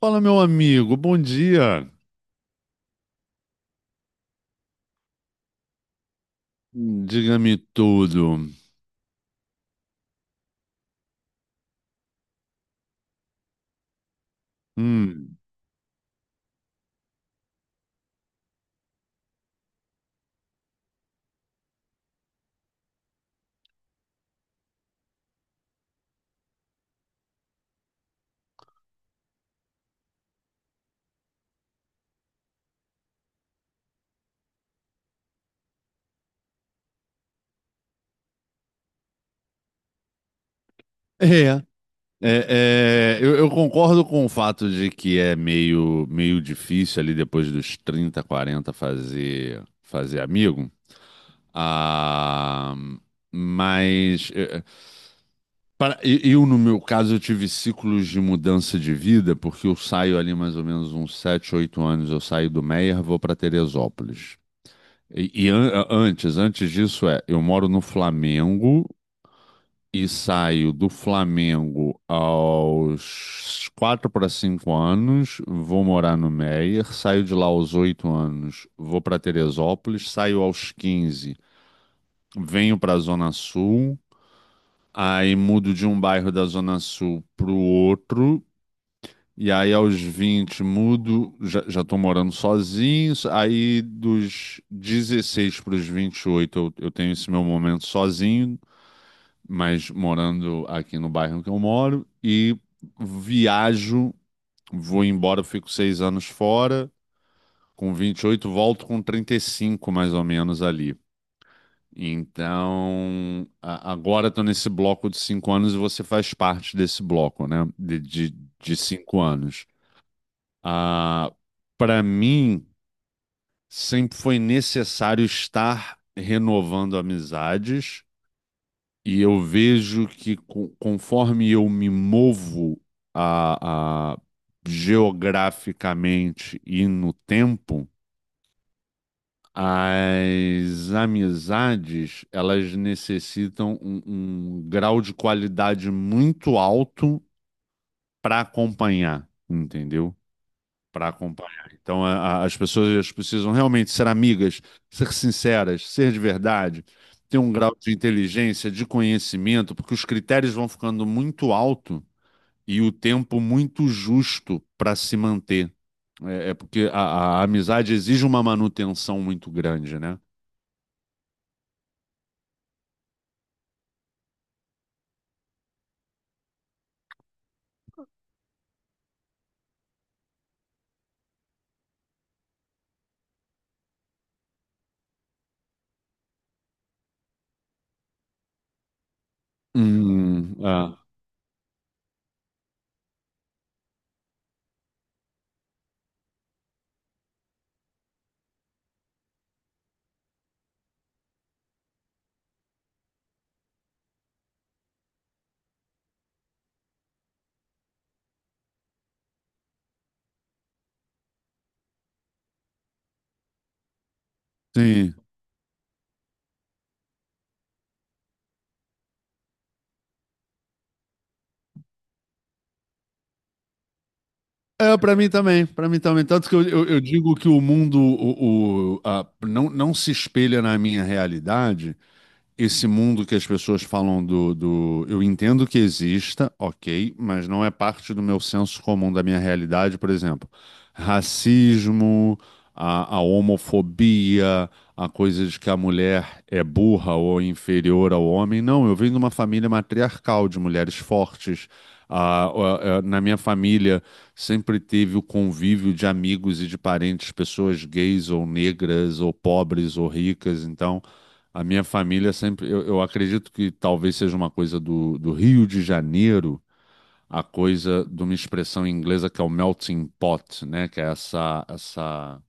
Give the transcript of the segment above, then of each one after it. Fala, meu amigo, bom dia. Diga-me tudo. Hum. É, é, eu concordo com o fato de que é meio difícil ali depois dos 30, 40 fazer, amigo. Ah, mas eu, no meu caso, eu tive ciclos de mudança de vida, porque eu saio ali mais ou menos uns 7, 8 anos. Eu saio do Meier, vou para Teresópolis. Antes disso eu moro no Flamengo e saio do Flamengo aos 4 para 5 anos, vou morar no Meier, saio de lá aos 8 anos, vou para Teresópolis, saio aos 15, venho para a Zona Sul, aí mudo de um bairro da Zona Sul para o outro. E aí, aos 20 mudo, já tô morando sozinho. Aí, dos 16 para os 28 eu tenho esse meu momento sozinho, mas morando aqui no bairro que eu moro. E viajo, vou embora, fico seis anos fora. Com 28 volto com 35 mais ou menos, ali. Então, agora estou nesse bloco de cinco anos e você faz parte desse bloco, né? De cinco anos. Ah, para mim, sempre foi necessário estar renovando amizades, e eu vejo que conforme eu me movo a, a- geograficamente e no tempo, as amizades elas necessitam um grau de qualidade muito alto para acompanhar, entendeu? Para acompanhar. Então, as pessoas precisam realmente ser amigas, ser sinceras, ser de verdade, ter um grau de inteligência, de conhecimento, porque os critérios vão ficando muito alto e o tempo muito justo para se manter. É, é porque a amizade exige uma manutenção muito grande, né? Ah, sim. É, para mim também, para mim também. Tanto que eu digo que o mundo não, não se espelha na minha realidade, esse mundo que as pessoas falam do. Eu entendo que exista, ok, mas não é parte do meu senso comum, da minha realidade, por exemplo. Racismo, a homofobia, a coisa de que a mulher é burra ou inferior ao homem. Não, eu venho de uma família matriarcal, de mulheres fortes. Ah, na minha família sempre teve o convívio de amigos e de parentes, pessoas gays ou negras ou pobres ou ricas, então. A minha família sempre. Eu acredito que talvez seja uma coisa do Rio de Janeiro, a coisa de uma expressão inglesa que é o melting pot, né? Que é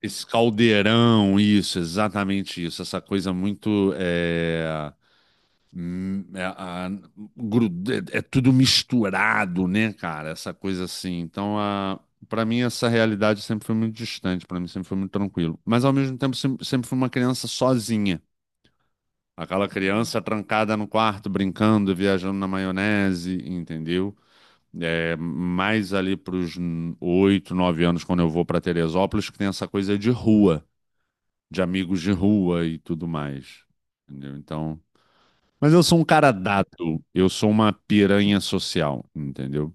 esse caldeirão, isso, exatamente isso. Essa coisa muito. Hum, é, a- gru- É tudo misturado, né, cara? Essa coisa assim. Então, a. Para mim, essa realidade sempre foi muito distante, para mim sempre foi muito tranquilo. Mas, ao mesmo tempo, sempre fui uma criança sozinha. Aquela criança trancada no quarto, brincando, viajando na maionese, entendeu? É, mais ali para os oito, nove anos, quando eu vou para Teresópolis, que tem essa coisa de rua, de amigos de rua e tudo mais. Entendeu? Então. Mas eu sou um cara dado, eu sou uma piranha social, entendeu?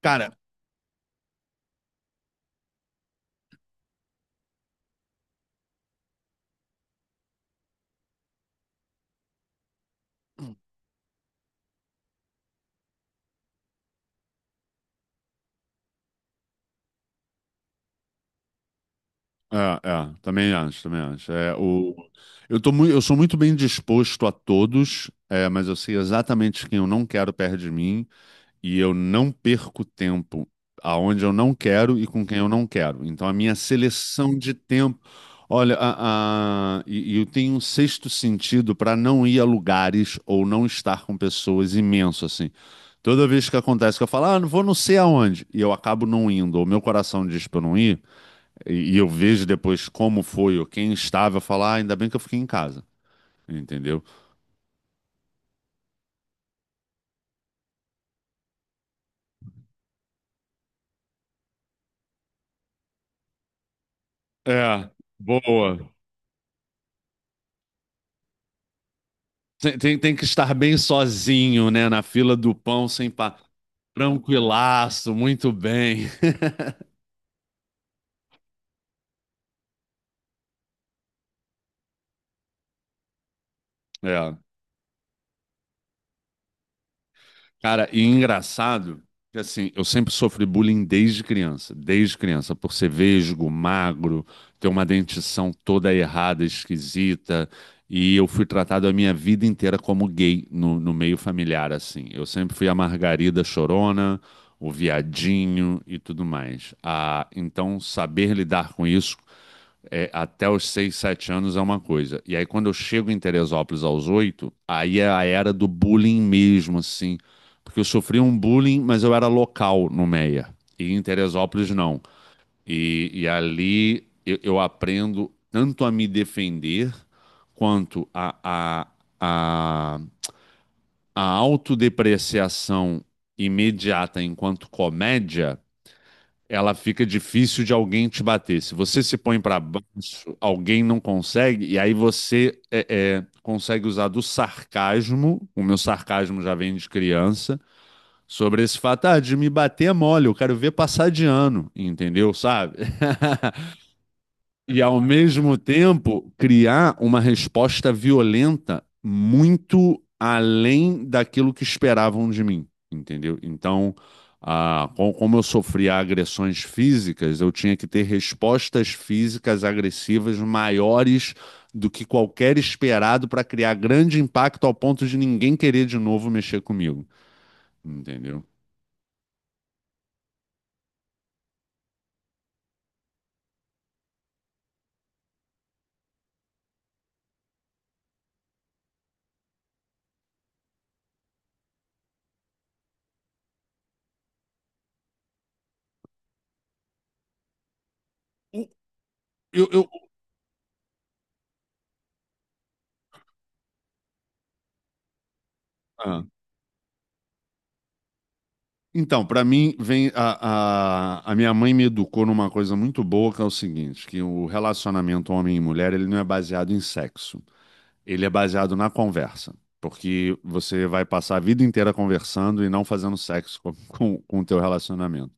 Cara, também acho, também acho. Eu sou muito bem disposto a todos, é, mas eu sei exatamente quem eu não quero perto de mim. E eu não perco tempo aonde eu não quero e com quem eu não quero. Então a minha seleção de tempo, olha, e eu tenho um sexto sentido para não ir a lugares ou não estar com pessoas imenso assim. Toda vez que acontece que eu falo, ah, não vou não sei aonde, e eu acabo não indo, ou meu coração diz para eu não ir, e eu vejo depois como foi ou quem estava, eu falo, ah, ainda bem que eu fiquei em casa, entendeu? É, boa. Tem que estar bem sozinho, né? Na fila do pão, sem pa... tranquilaço, muito bem. É. Cara, e engraçado que assim, eu sempre sofri bullying desde criança, por ser vesgo, magro, ter uma dentição toda errada, esquisita, e eu fui tratado a minha vida inteira como gay no meio familiar, assim. Eu sempre fui a Margarida Chorona, o viadinho e tudo mais. Ah, então, saber lidar com isso é, até os 6 7 anos é uma coisa. E aí, quando eu chego em Teresópolis aos 8 aí é a era do bullying mesmo, assim. Porque eu sofri um bullying, mas eu era local no Meia. E em Teresópolis, não. E ali eu aprendo tanto a me defender, quanto a, a autodepreciação imediata enquanto comédia ela fica difícil de alguém te bater. Se você se põe para baixo, alguém não consegue, e aí você consegue usar do sarcasmo, o meu sarcasmo já vem de criança, sobre esse fato, ah, de me bater é mole, eu quero ver passar de ano, entendeu? Sabe? E ao mesmo tempo criar uma resposta violenta muito além daquilo que esperavam de mim, entendeu? Então, ah, como eu sofria agressões físicas, eu tinha que ter respostas físicas agressivas maiores do que qualquer esperado para criar grande impacto ao ponto de ninguém querer de novo mexer comigo, entendeu? O- eu, ah. Então, para mim, vem a minha mãe me educou numa coisa muito boa, que é o seguinte, que o relacionamento homem e mulher, ele não é baseado em sexo, ele é baseado na conversa, porque você vai passar a vida inteira conversando e não fazendo sexo com, com o teu relacionamento.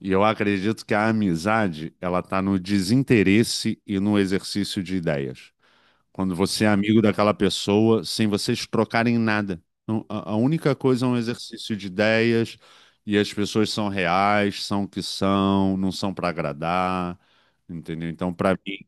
E eu acredito que a amizade, ela tá no desinteresse e no exercício de ideias. Quando você é amigo daquela pessoa, sem vocês trocarem nada. Então, a única coisa é um exercício de ideias e as pessoas são reais, são o que são, não são para agradar, entendeu? Então,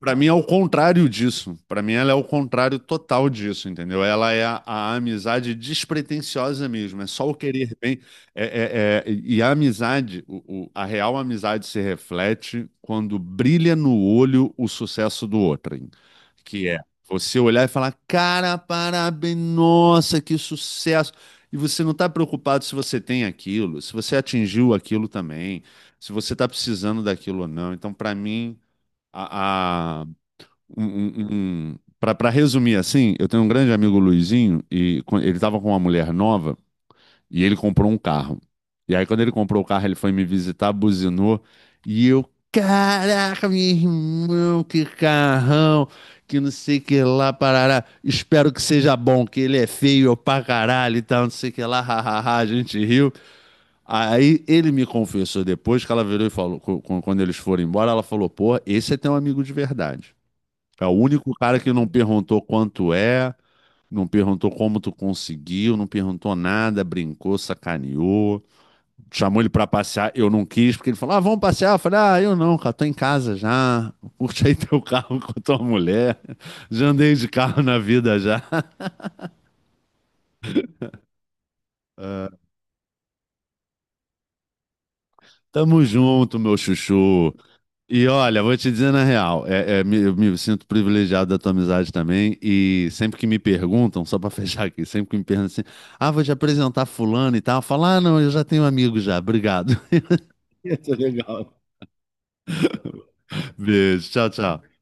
pra mim é o contrário disso. Pra mim ela é o contrário total disso, entendeu? Ela é a amizade despretensiosa mesmo. É só o querer bem. É, e a amizade, a real amizade se reflete quando brilha no olho o sucesso do outro, hein? Que é você olhar e falar, cara, parabéns, nossa, que sucesso. E você não está preocupado se você tem aquilo, se você atingiu aquilo também, se você está precisando daquilo ou não. Então, para mim a, um, para resumir assim, eu tenho um grande amigo Luizinho e ele estava com uma mulher nova e ele comprou um carro. E aí quando ele comprou o carro, ele foi me visitar, buzinou e eu, caraca, meu irmão, que carrão, que não sei que lá, parará. Espero que seja bom, que ele é feio pra caralho e tal, não sei que lá, hahaha, a gente riu. Aí ele me confessou depois que ela virou e falou, quando eles foram embora, ela falou, pô, esse é teu amigo de verdade. É o único cara que não perguntou quanto é, não perguntou como tu conseguiu, não perguntou nada, brincou, sacaneou. Chamou ele pra passear, eu não quis, porque ele falou: Ah, vamos passear. Eu falei: Ah, eu não, cara, tô em casa já. Curte aí teu carro com tua mulher. Já andei de carro na vida já. Ah, tamo junto, meu chuchu. E olha, vou te dizer na real, eu me sinto privilegiado da tua amizade também, e sempre que me perguntam, só pra fechar aqui, sempre que me perguntam assim, ah, vou te apresentar fulano e tal, eu falo, ah, não, eu já tenho amigo já, obrigado. Isso é legal. Beijo, tchau, tchau.